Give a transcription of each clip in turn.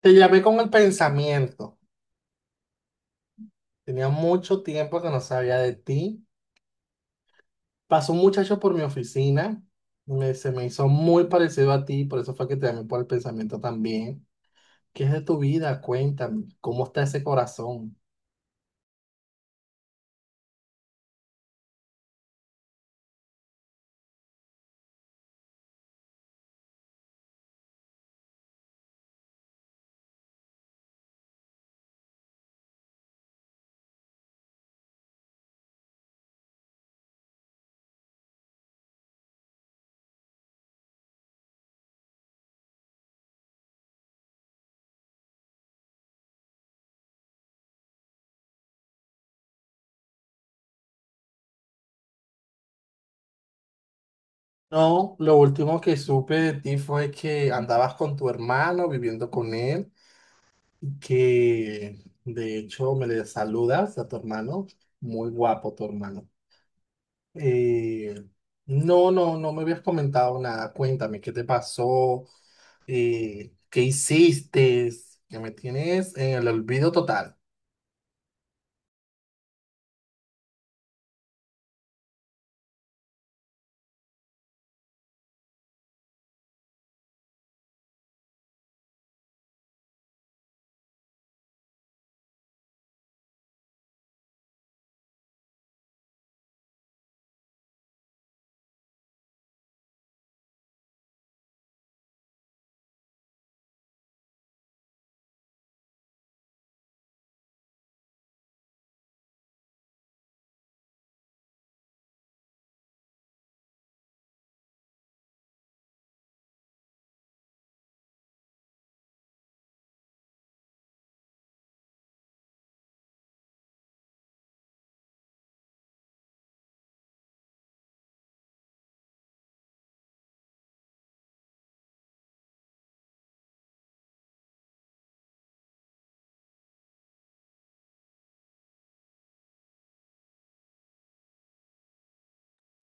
Te llamé con el pensamiento. Tenía mucho tiempo que no sabía de ti. Pasó un muchacho por mi oficina. Se me hizo muy parecido a ti, por eso fue que te llamé por el pensamiento también. ¿Qué es de tu vida? Cuéntame, ¿cómo está ese corazón? No, lo último que supe de ti fue que andabas con tu hermano viviendo con él, que de hecho me le saludas a tu hermano. Muy guapo tu hermano. Eh, no, no, no me habías comentado nada. Cuéntame, ¿qué te pasó? ¿Qué hiciste? Que me tienes en el olvido total.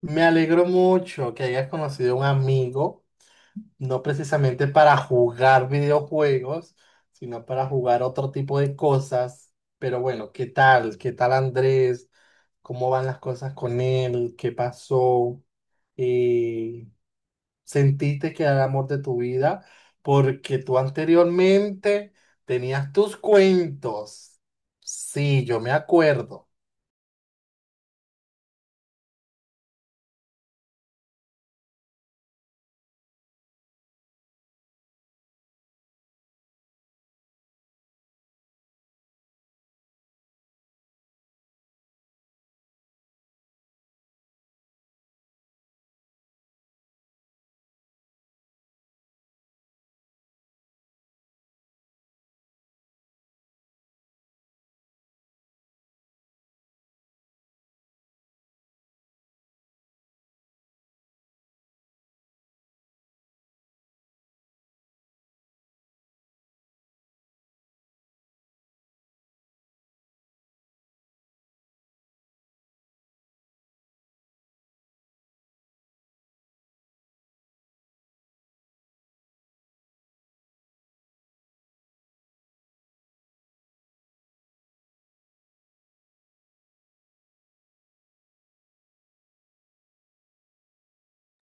Me alegro mucho que hayas conocido a un amigo, no precisamente para jugar videojuegos, sino para jugar otro tipo de cosas. Pero bueno, ¿qué tal? ¿Qué tal Andrés? ¿Cómo van las cosas con él? ¿Qué pasó? Eh, ¿Sentiste que era el amor de tu vida porque tú anteriormente tenías tus cuentos? Sí, yo me acuerdo.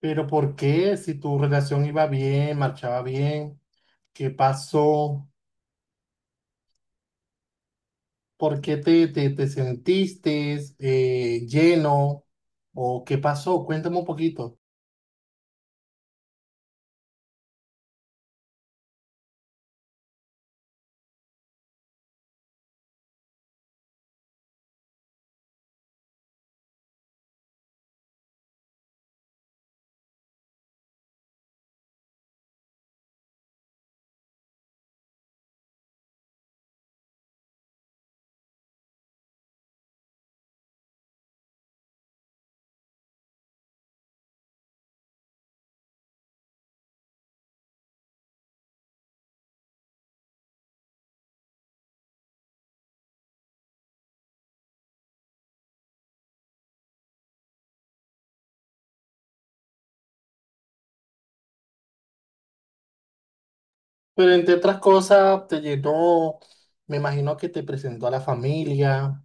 Pero ¿por qué? Si tu relación iba bien, marchaba bien, ¿qué pasó? ¿Por qué te sentiste lleno? ¿O qué pasó? Cuéntame un poquito. Pero entre otras cosas, te llenó, me imagino que te presentó a la familia.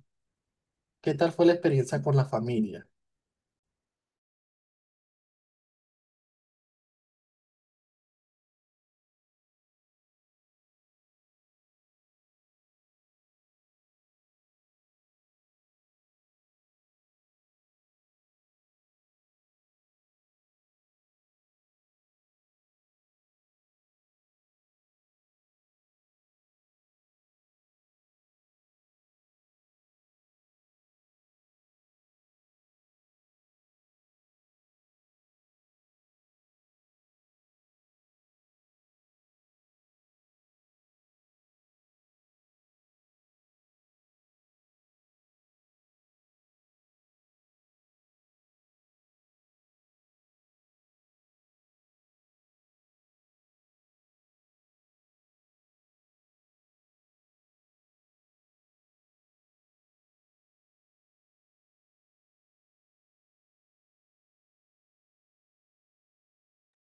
¿Qué tal fue la experiencia con la familia?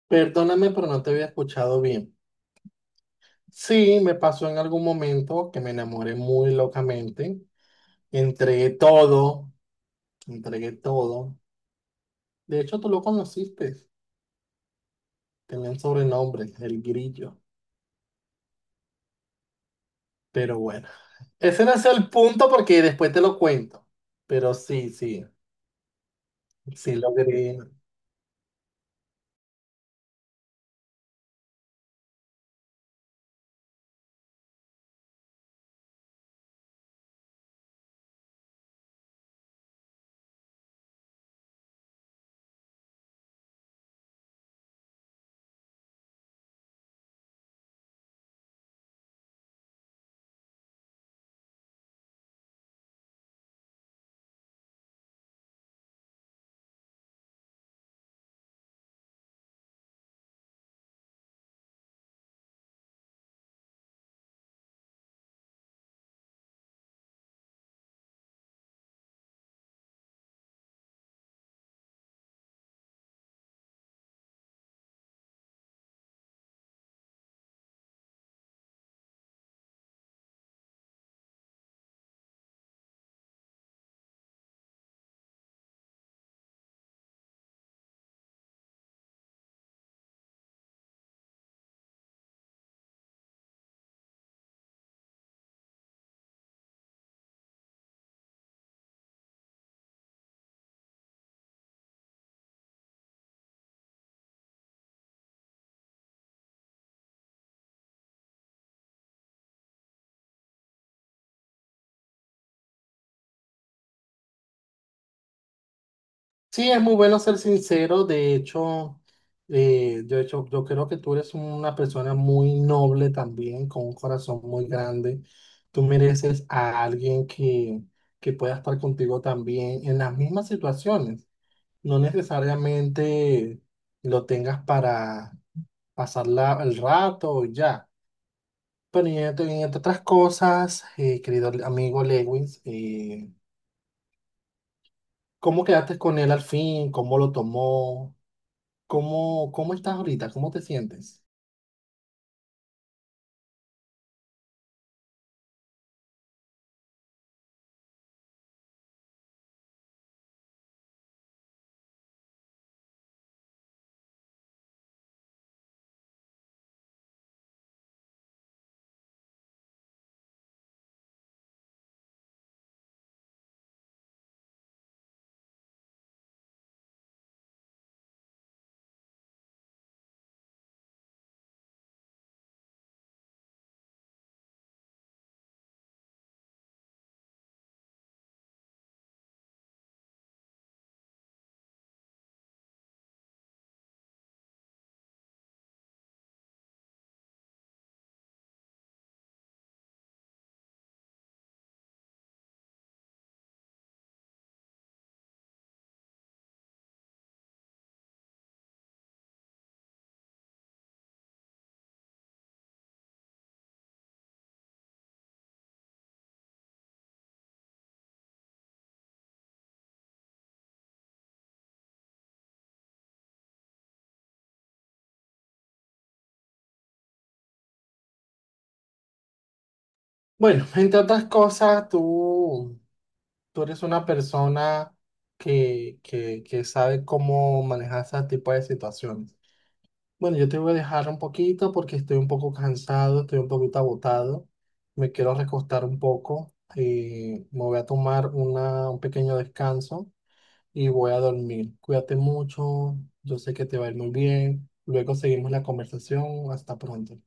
Perdóname, pero no te había escuchado bien. Sí, me pasó en algún momento que me enamoré muy locamente. Entregué todo, entregué todo. De hecho, tú lo conociste. Tenía un sobrenombre, el grillo. Pero bueno, ese no es el punto porque después te lo cuento. Pero sí, sí, sí logré. Sí, es muy bueno ser sincero. De hecho, yo, hecho, yo creo que tú eres una persona muy noble también, con un corazón muy grande. Tú mereces a alguien que pueda estar contigo también en las mismas situaciones. No necesariamente lo tengas para pasar el rato y ya. Pero y entre otras cosas, querido amigo Lewis, ¿cómo quedaste con él al fin? ¿Cómo lo tomó? Cómo estás ahorita? ¿Cómo te sientes? Bueno, entre otras cosas, tú eres una persona que sabe cómo manejar ese tipo de situaciones. Bueno, yo te voy a dejar un poquito porque estoy un poco cansado, estoy un poquito agotado. Me quiero recostar un poco y me voy a tomar una, un pequeño descanso y voy a dormir. Cuídate mucho, yo sé que te va a ir muy bien. Luego seguimos la conversación. Hasta pronto.